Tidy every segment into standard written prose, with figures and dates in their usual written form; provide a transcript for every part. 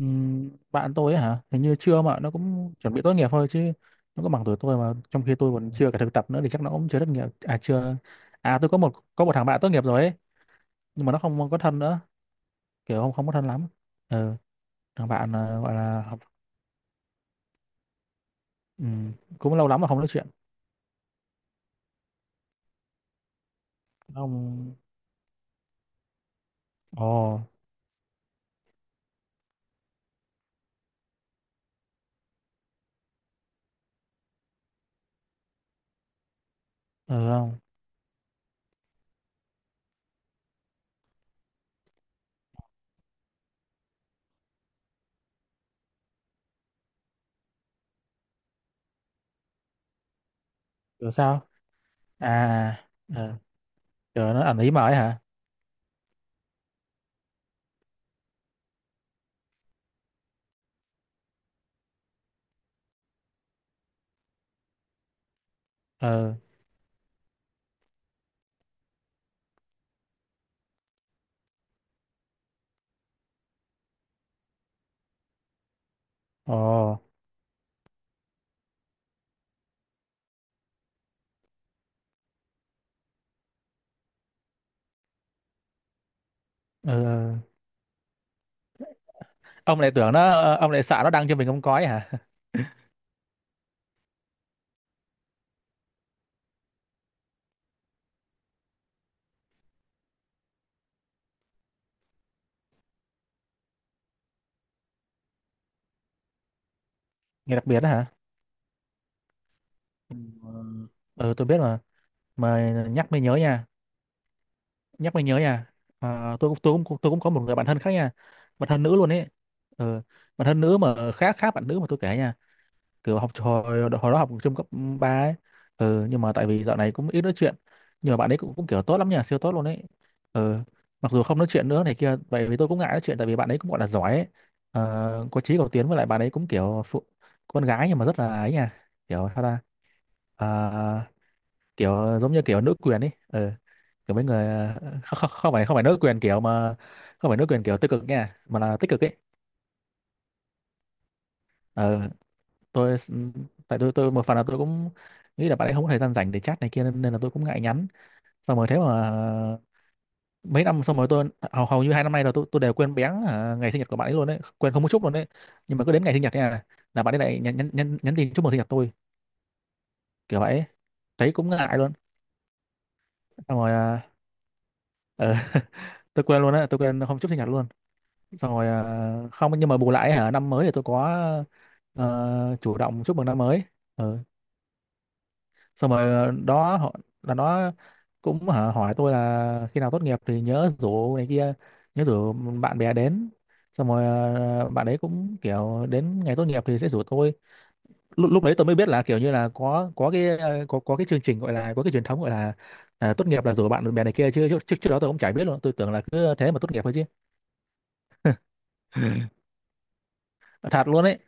Bạn tôi ấy hả, hình như chưa, mà nó cũng chuẩn bị tốt nghiệp thôi chứ. Nó có bằng tuổi tôi, mà trong khi tôi còn chưa cả thực tập nữa thì chắc nó cũng chưa tốt nghiệp. À chưa, à tôi có một thằng bạn tốt nghiệp rồi ấy, nhưng mà nó không có thân nữa, kiểu không không có thân lắm. Ừ, thằng bạn, gọi là học. ừm, cũng lâu lắm mà không nói chuyện. Nó không. Ồ. Ừ không, kiểu sao? À. Ờ, kiểu nó ẩn ý mà ấy hả. Ừ. Ồ. Ừ. Ừ. Ông lại tưởng nó, ông lại sợ nó đăng cho mình không có ấy hả. Nghe đặc biệt đó hả. Ừ. Ờ, tôi biết mà. Mà nhắc mới nhớ nha. Nhắc mới nhớ nha. À, tôi cũng có một người bạn thân khác nha, bạn thân nữ luôn ấy. Ừ. Bạn thân nữ mà khác, khác bạn nữ mà tôi kể nha. Kiểu học hồi hồi đó học trung cấp 3 ấy. Ừ. Nhưng mà tại vì dạo này cũng ít nói chuyện, nhưng mà bạn ấy cũng, cũng kiểu tốt lắm nha, siêu tốt luôn ấy. Ừ. Mặc dù không nói chuyện nữa này kia vậy, vì tôi cũng ngại nói chuyện, tại vì bạn ấy cũng gọi là giỏi ấy. Ờ, có chí cầu tiến, với lại bạn ấy cũng kiểu phụ, con gái nhưng mà rất là ấy nha, kiểu sao ta. Ờ, kiểu giống như kiểu nữ quyền ấy. Ờ, kiểu mấy người, không, không, không phải nữ quyền kiểu mà, không phải nữ quyền kiểu tiêu cực nha, mà là tích cực ấy. Ờ, tôi, tại tôi một phần là tôi cũng nghĩ là bạn ấy không có thời gian rảnh để chat này kia, nên, nên là tôi cũng ngại nhắn. Xong rồi thế mà mấy năm, xong rồi tôi hầu hầu như 2 năm nay là tôi đều quên béng à, ngày sinh nhật của bạn ấy luôn đấy, quên không một chút luôn đấy. Nhưng mà cứ đến ngày sinh nhật nha, là bạn ấy lại nhắn nhắn nhắn nhắn tin chúc mừng sinh nhật tôi, kiểu vậy ấy. Thấy cũng ngại luôn. Xong rồi à, ờ. Tôi quên luôn á, tôi quên không chúc sinh nhật luôn. Xong rồi không, nhưng mà bù lại hả, năm mới thì tôi có chủ động chúc mừng năm mới. Ừ. Xong rồi đó, họ là nó cũng hả, hỏi tôi là khi nào tốt nghiệp thì nhớ rủ này kia, nhớ rủ bạn bè đến. Xong rồi bạn ấy cũng kiểu đến ngày tốt nghiệp thì sẽ rủ tôi. Lúc Lúc đấy tôi mới biết là kiểu như là có có cái chương trình, gọi là có cái truyền thống, gọi là à, tốt nghiệp là rủ bạn bè này kia. Chứ trước trước trước đó tôi cũng chả biết luôn, tôi tưởng là cứ thế mà tốt nghiệp thôi chứ. Thật luôn ấy.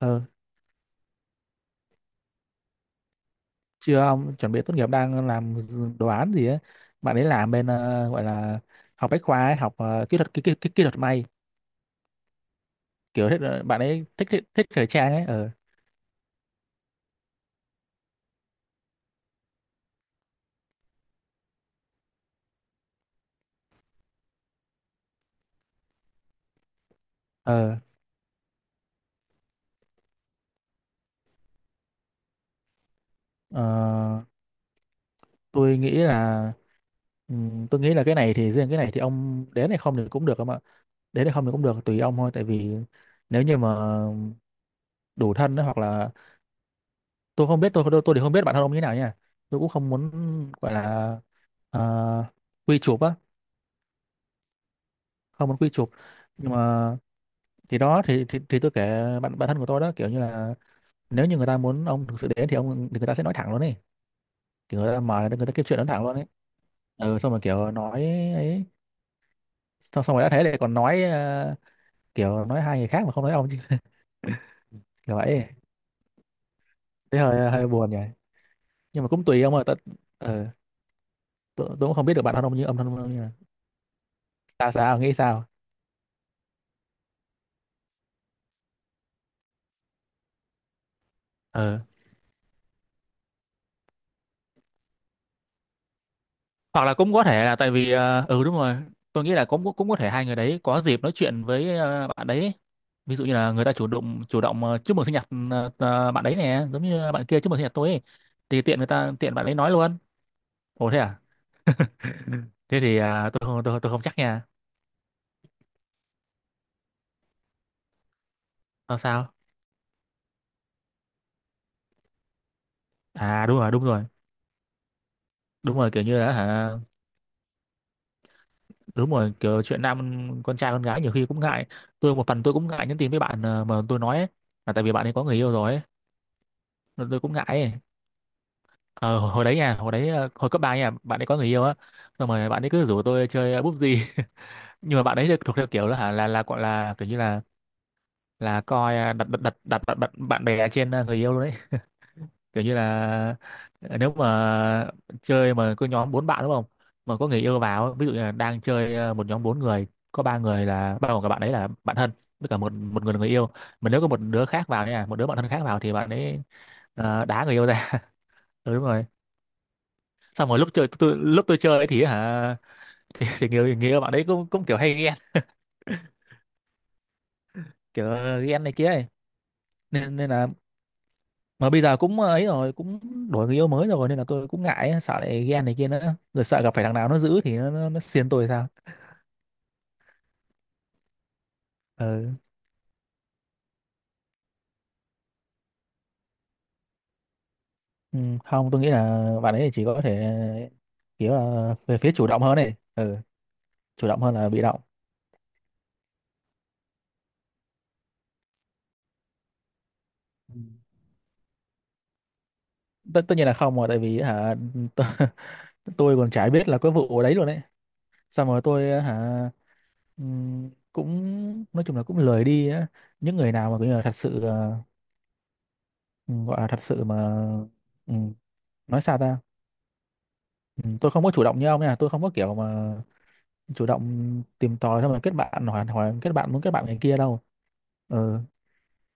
Ừ. Chưa, ông chuẩn bị tốt nghiệp, đang làm đồ án gì ấy. Bạn ấy làm bên, gọi là học bách khoa ấy, học kỹ thuật kỹ thuật may. Kiểu thích, bạn ấy thích, thích thời trang ấy. Ờ. Ờ. ờ, tôi nghĩ là, tôi nghĩ là cái này thì riêng cái này thì ông đến hay không thì cũng được không ạ, đến hay không thì cũng được, tùy ông thôi. Tại vì nếu như mà đủ thân ấy, hoặc là tôi không biết, tôi thì không biết bản thân ông như thế nào nha, tôi cũng không muốn gọi là ờ, quy chụp á. Không muốn quy chụp, nhưng mà thì đó, thì tôi kể bạn bạn thân của tôi đó, kiểu như là nếu như người ta muốn ông thực sự đến thì ông thì người ta sẽ nói thẳng luôn ấy. Kiểu người ta mời, người ta kiếm chuyện nói thẳng luôn ấy. Ừ, xong rồi kiểu nói ấy. Xong rồi đã thế lại còn nói, kiểu nói hai người khác mà không nói ông chứ, kiểu vậy ấy. Thế hơi hơi buồn nhỉ. Nhưng mà cũng tùy ông ơi tận. Ờ. Tôi, cũng không biết được bạn thân ông như ông, thân ông như là sao, sao nghĩ sao. Ờ, hoặc là cũng có thể là tại vì, ừ đúng rồi, tôi nghĩ là cũng cũng có thể hai người đấy có dịp nói chuyện với, bạn đấy ấy. Ví dụ như là người ta chủ động, chúc mừng sinh nhật. Bạn đấy nè, giống như bạn kia chúc mừng sinh nhật tôi ấy. Thì tiện người ta, tiện bạn ấy nói luôn. Ồ thế à. Thế thì à, tôi không, tôi không chắc nha. Sao sao. À đúng rồi, đúng rồi, đúng rồi, kiểu như là hả, đúng rồi, kiểu chuyện nam, con trai con gái nhiều khi cũng ngại. Tôi một phần tôi cũng ngại nhắn tin với bạn, mà tôi nói ấy, là tại vì bạn ấy có người yêu rồi ấy. Nên tôi cũng ngại ấy. Ờ, hồi hồi đấy nha, hồi đấy hồi cấp ba nha, bạn ấy có người yêu á. Xong rồi bạn ấy cứ rủ tôi chơi, búp gì. Nhưng mà bạn ấy thì thuộc theo kiểu là hả, là gọi là kiểu như là coi à, đặt đặt đặt đặt bạn bạn bạn bè trên à, người yêu luôn đấy. Kiểu như là à, nếu mà chơi mà có nhóm 4 bạn đúng không, mà có người yêu vào ấy, ví dụ như là đang chơi à, một nhóm 4 người, có ba người là bao gồm cả bạn ấy là bạn thân, với cả một một người là người yêu, mà nếu có một đứa khác vào nha, một đứa bạn thân khác vào, thì bạn ấy à, đá người yêu ra. Ừ, đúng rồi. Xong rồi lúc tôi chơi ấy thì hả, thì, người, người yêu bạn đấy cũng cũng kiểu hay ghen, kiểu ghen này kia ấy. Nên nên là mà bây giờ cũng ờ, ấy rồi, cũng đổi người yêu mới rồi, nên là tôi cũng ngại ấy, sợ lại ghen này kia nữa, rồi sợ gặp phải thằng nào nó giữ thì nó xiên tôi sao. Ừ. Ừ, không, tôi nghĩ là bạn ấy chỉ có thể kiểu là về phía chủ động hơn này. Ừ, chủ động hơn là bị động. Ừ. tất Tất nhiên là không rồi, tại vì hả, tôi, tôi còn chả biết là có vụ ở đấy luôn đấy. Xong rồi tôi hả, cũng nói chung là cũng lười đi á. Những người nào mà bây giờ thật sự, ừ, gọi là thật sự mà, ừm, nói sao ta. Ừ, tôi không có chủ động như ông nha, tôi không có kiểu mà chủ động tìm tòi, xong rồi kết bạn, hỏi hỏi kết bạn muốn kết bạn người kia đâu. Ừ,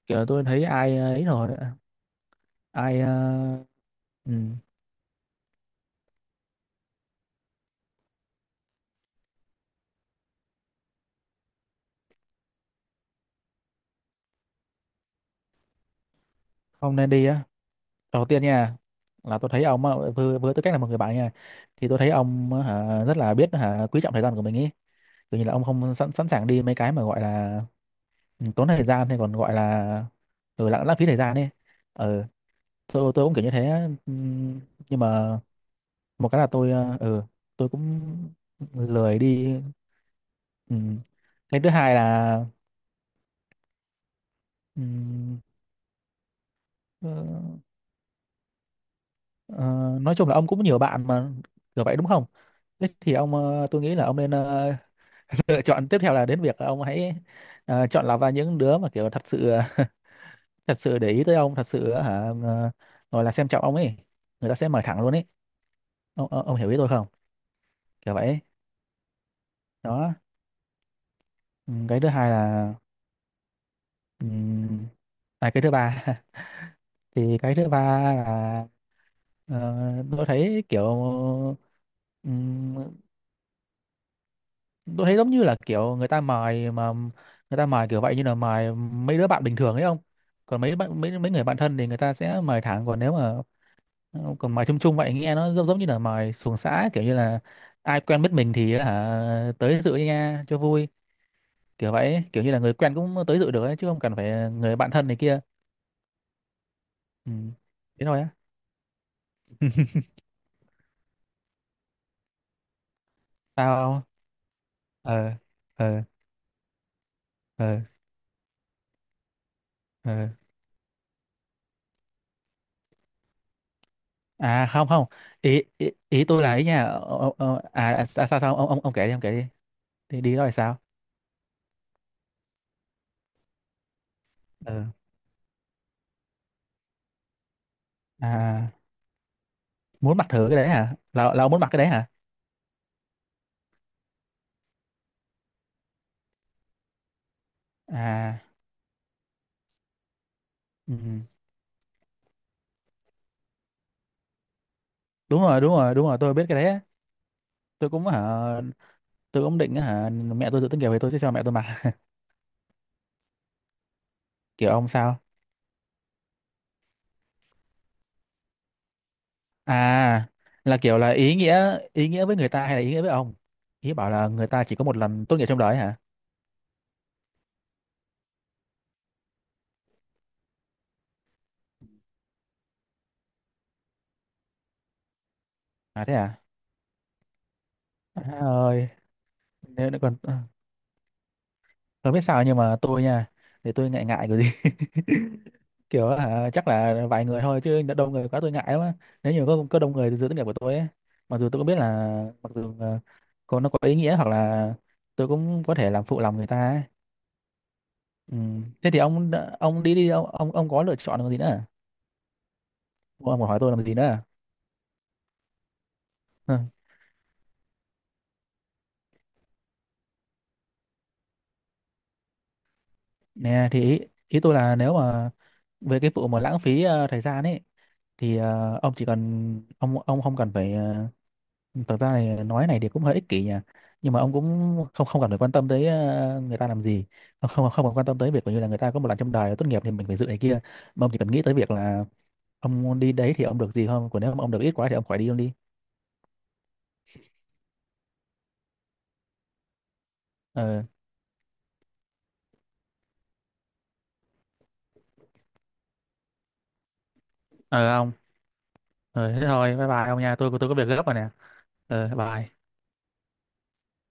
kiểu là tôi thấy ai, ấy rồi, ai ừ. Không nên đi á. Đầu tiên nha là tôi thấy ông á, với tư cách là một người bạn nha, thì tôi thấy ông á, hả, rất là biết hả, quý trọng thời gian của mình ý. Tự nhiên là ông không sẵn sẵn sàng đi mấy cái mà gọi là. Ừ, tốn thời gian, hay còn gọi là ừ, lãng lãng phí thời gian ấy. Ừ, tôi cũng kiểu như thế á. Ừ, nhưng mà một cái là tôi, tôi cũng lười đi. Ừ. Cái thứ hai là, ừ, ờ, ờ, nói chung là ông cũng nhiều bạn mà, kiểu vậy đúng không. Thế thì ông, tôi nghĩ là ông nên, lựa chọn tiếp theo là đến việc là ông hãy, chọn lọc ra những đứa mà kiểu thật sự, thật sự để ý tới ông, thật sự, gọi là xem trọng ông ấy. Người ta sẽ mời thẳng luôn ấy. Ông hiểu ý tôi không, kiểu vậy đó. Ừ, cái thứ hai là, ừ, cái thứ ba. Thì cái thứ ba là, Ờ, tôi thấy kiểu, ừm, tôi thấy giống như là kiểu người ta mài mà, người ta mài kiểu vậy như là mài mấy đứa bạn bình thường ấy không. Còn mấy bạn, mấy mấy người bạn thân thì người ta sẽ mài thẳng, còn nếu mà, còn mài chung chung vậy nghe nó giống giống như là mài xuồng xã, kiểu như là ai quen biết mình thì hả tới dự nha cho vui, kiểu vậy ấy. Kiểu như là người quen cũng tới dự được ấy, chứ không cần phải người bạn thân này kia. Ừ. Thế thôi á. Tao. Ờ. Ờ. Ờ. Ờ. À không, không, ý, ý tôi là ý nha, sao sao sao? Ông kể đi, đi đi, đó là sao. Ừ. À, muốn mặc thử cái đấy hả, là ông muốn mặc cái đấy hả. À. Ừ. Đúng rồi, đúng rồi, đúng rồi, tôi biết cái đấy á. Tôi cũng hả, tôi cũng định hả, mẹ tôi dự tính kiểu về tôi sẽ cho mẹ tôi mặc. Kiểu ông sao. À, là kiểu là ý nghĩa, ý nghĩa với người ta hay là ý nghĩa với ông? Ý bảo là người ta chỉ có một lần tốt nghiệp trong đời hả. À thế à. À ơi. Nếu còn, còn biết sao, nhưng mà tôi nha, để tôi ngại, ngại cái gì. Kiểu hả, chắc là vài người thôi, chứ đã đông người quá tôi ngại lắm á. Nếu như có đông người dự tốt nghiệp của tôi ấy, mặc dù tôi cũng biết là, mặc dù có nó có ý nghĩa, hoặc là tôi cũng có thể làm phụ lòng người ta ấy. Ừ. Thế thì ông đã- ông đi đi ông. Ông có lựa chọn làm gì nữa. Ông còn hỏi tôi làm gì nữa. Ừ. Nè, thì ý, ý tôi là nếu mà về cái vụ mà lãng phí, thời gian ấy, thì ông chỉ cần, ông không cần phải, thực ra này nói này thì cũng hơi ích kỷ nhỉ, nhưng mà ông cũng không không cần phải quan tâm tới, người ta làm gì. Không, không cần quan tâm tới việc như là người ta có một lần trong đời tốt nghiệp thì mình phải dự này kia. Mà ông chỉ cần nghĩ tới việc là ông đi đấy thì ông được gì không. Còn nếu mà ông được ít quá thì ông khỏi đi, ông đi. Ờ. Ờ ông. Ờ thế thôi, bye bye ông nha, tôi có việc gấp rồi nè. Ờ bye.